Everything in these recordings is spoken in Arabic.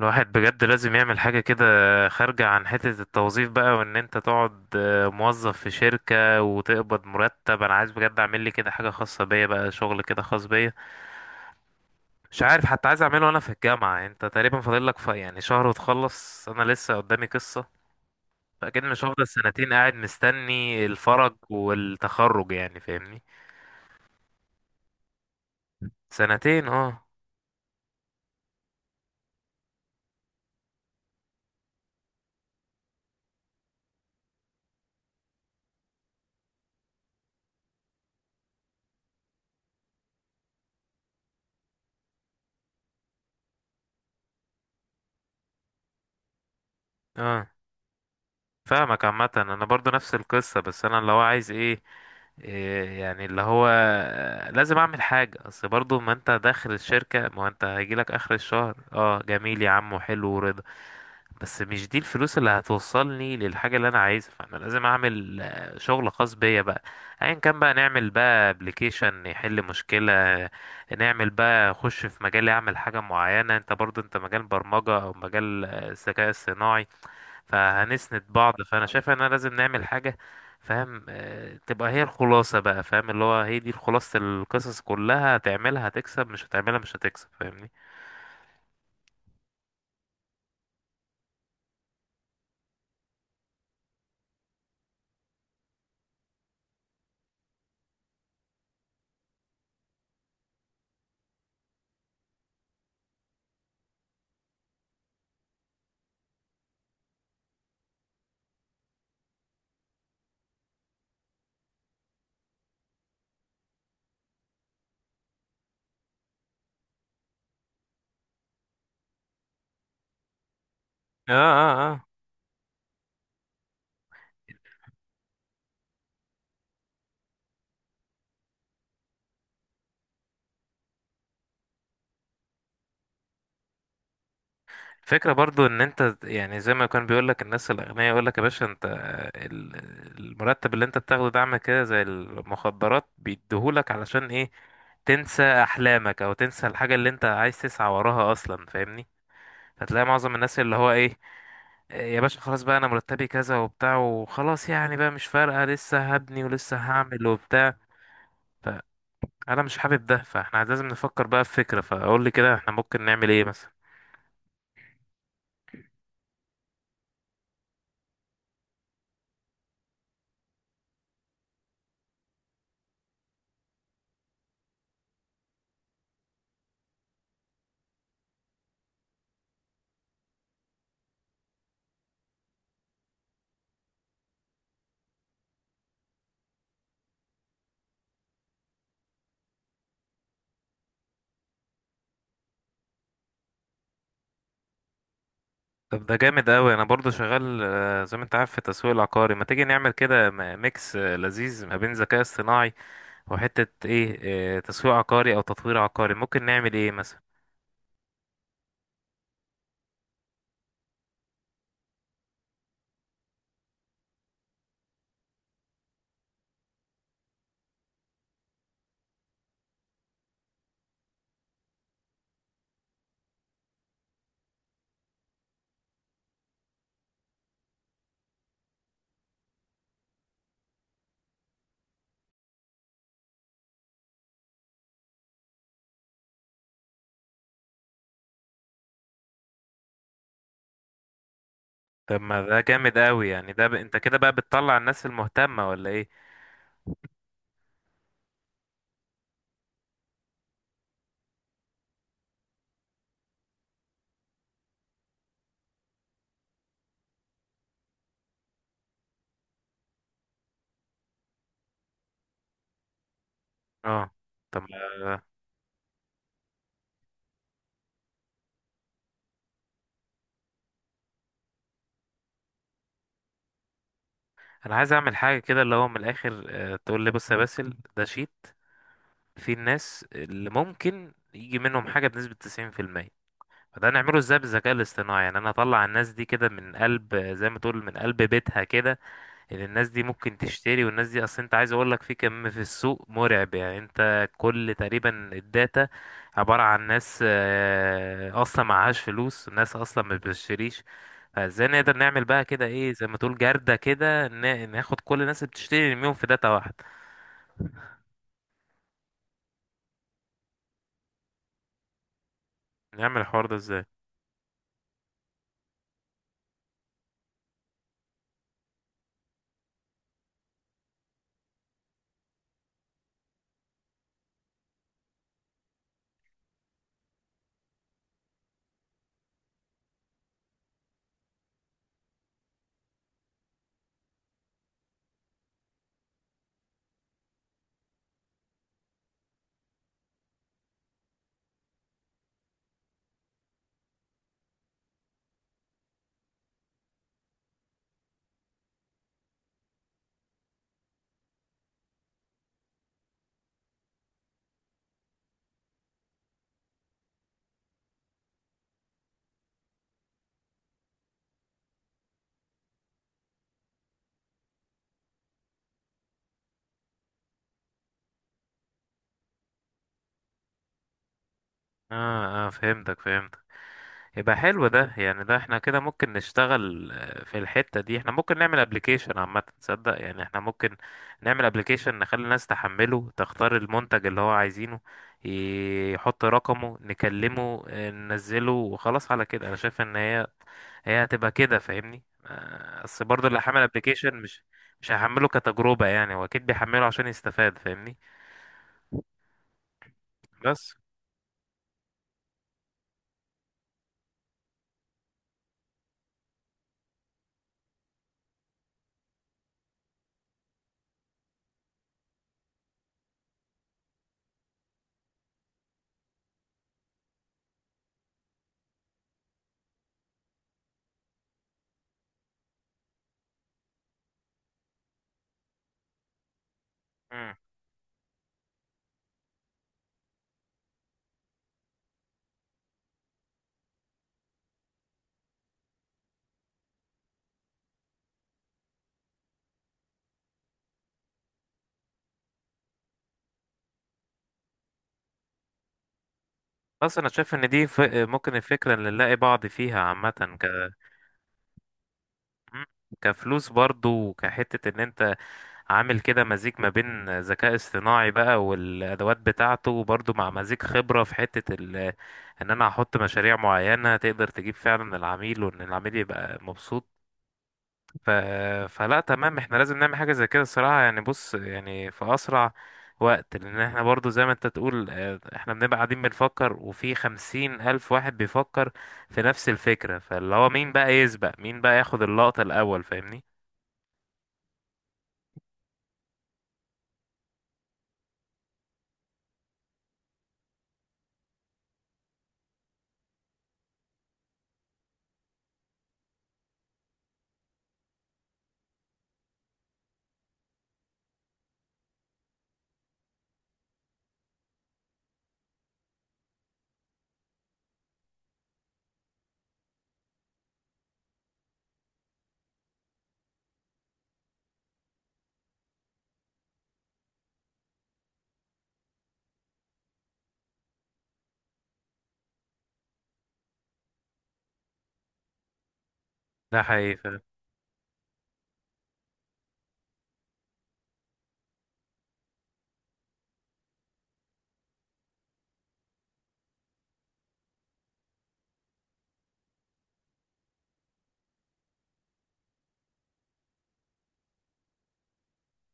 الواحد بجد لازم يعمل حاجة كده خارجة عن حتة التوظيف بقى وان انت تقعد موظف في شركة وتقبض مرتب. انا عايز بجد اعمل لي كده حاجة خاصة بيا بقى، شغل كده خاص بيا. مش عارف حتى عايز اعمله وانا في الجامعة. انت تقريبا فاضل لك يعني شهر وتخلص، انا لسه قدامي قصة. فاكيد مش هفضل سنتين قاعد مستني الفرج والتخرج، يعني فاهمني؟ سنتين اه. اه فاهمك. عامة انا برضو نفس القصة، بس انا لو عايز ايه، إيه يعني اللي هو، لازم اعمل حاجة. اصل برضو ما انت داخل الشركة، ما هو انت هيجيلك اخر الشهر، اه جميل يا عم وحلو ورضا. بس مش دي الفلوس اللي هتوصلني للحاجة اللي انا عايزها، فانا لازم اعمل شغل خاص بيا بقى. ايا كان بقى، نعمل بقى ابلكيشن يحل مشكلة، نعمل بقى اخش في مجال، اعمل حاجة معينة. انت برضو انت مجال برمجة او مجال الذكاء الصناعي، فهنسند بعض. فانا شايف ان انا لازم نعمل حاجه، فاهم؟ تبقى هي الخلاصه بقى، فاهم؟ اللي هو هي دي خلاصه القصص كلها: هتعملها هتكسب، مش هتعملها مش هتكسب، فاهمني؟ اه. الفكرة برضو ان انت، يعني زي ما كان بيقول لك الناس الاغنياء، يقول لك يا باشا انت ال- المرتب اللي انت بتاخده ده عامل كده زي المخدرات، بيديهولك علشان ايه؟ تنسى احلامك، او تنسى الحاجة اللي انت عايز تسعى وراها اصلا، فاهمني؟ هتلاقي معظم الناس اللي هو ايه: يا باشا خلاص بقى، انا مرتبي كذا وبتاع وخلاص، يعني بقى مش فارقة، لسه هبني ولسه هعمل وبتاع. فانا مش حابب ده. فاحنا لازم نفكر بقى في فكرة، فاقول لي كده احنا ممكن نعمل ايه مثلا؟ طب ده جامد قوي. انا برضو شغال زي ما انت عارف في التسويق العقاري. ما تيجي نعمل كده ميكس لذيذ ما بين ذكاء اصطناعي وحتة ايه، تسويق عقاري او تطوير عقاري. ممكن نعمل ايه مثلا؟ طب ما ده جامد قوي يعني. انت كده بقى بتطلع الناس المهتمة ولا ايه؟ اه. طب، آه، انا عايز اعمل حاجه كده، اللي هو من الاخر تقول لي بص يا باسل، ده شيت في الناس اللي ممكن يجي منهم حاجه بنسبه 90%. فده نعمله ازاي بالذكاء الاصطناعي؟ يعني انا اطلع الناس دي كده من قلب، زي ما تقول من قلب بيتها كده، ان الناس دي ممكن تشتري. والناس دي اصلا، انت عايز اقول لك، في كم في السوق مرعب، يعني انت كل تقريبا الداتا عبارة عن ناس أصلا معهاش فلوس، ناس أصلا ما بتشتريش. فازاي نقدر نعمل بقى كده ايه، زي ما تقول جردة كده، ناخد كل الناس اللي بتشتري نرميهم في داتا واحد؟ نعمل الحوار ده ازاي؟ اه فهمتك، فهمت. يبقى حلو ده. يعني ده احنا كده ممكن نشتغل في الحتة دي. احنا ممكن نعمل ابلكيشن عامة، تصدق؟ يعني احنا ممكن نعمل ابلكيشن نخلي الناس تحمله، تختار المنتج اللي هو عايزينه، يحط رقمه، نكلمه ننزله، وخلاص على كده. انا شايف ان هي هتبقى كده، فاهمني؟ بس برضه اللي حمل ابلكيشن، مش هحمله كتجربة، يعني هو اكيد بيحمله عشان يستفاد، فاهمني؟ بس مم. بس انا شايف ان دي ممكن الفكرة اللي نلاقي بعض فيها عامة. مم. كفلوس برضو، وكحتة ان انت عامل كده مزيج ما بين ذكاء اصطناعي بقى والادوات بتاعته، وبرضو مع مزيج خبرة في حتة ال، ان انا هحط مشاريع معينة تقدر تجيب فعلا العميل، وان العميل يبقى مبسوط. ف... فلا تمام، احنا لازم نعمل حاجة زي كده الصراحة، يعني بص، يعني في اسرع وقت. لان احنا برضو زي ما انت تقول احنا بنبقى قاعدين بنفكر، وفي 50,000 واحد بيفكر في نفس الفكرة. فاللي هو مين بقى يسبق، مين بقى ياخد اللقطة الاول، فاهمني؟ ده حقيقي، فاهم.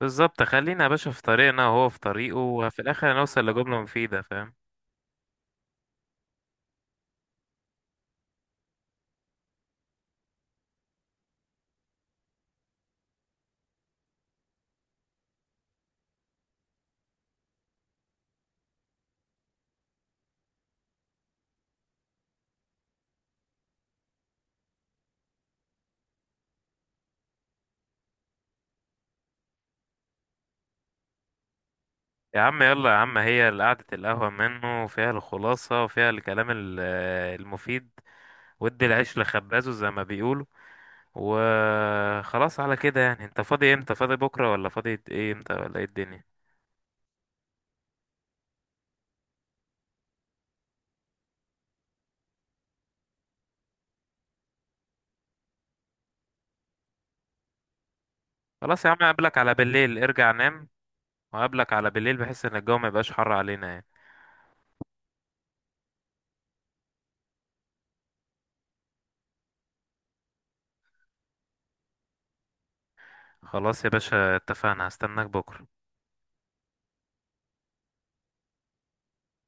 بالظبط. خلينا يا باشا في طريقنا، وهو في طريقه، وفي الاخر هنوصل لجملة مفيدة، فاهم؟ يا عم يلا يا عم. هي قعدة القهوة منه، وفيها الخلاصة، وفيها الكلام المفيد. ودي العيش لخبازه زي ما بيقولوا. وخلاص على كده. يعني انت فاضي امتى؟ فاضي بكرة ولا فاضي ايه امتى، ولا ايه الدنيا؟ خلاص يا عم، اقابلك على بالليل ارجع نام، وقابلك على بالليل بحيث ان الجو ما يبقاش حر علينا يعني. خلاص يا باشا، اتفقنا، هستناك بكرة.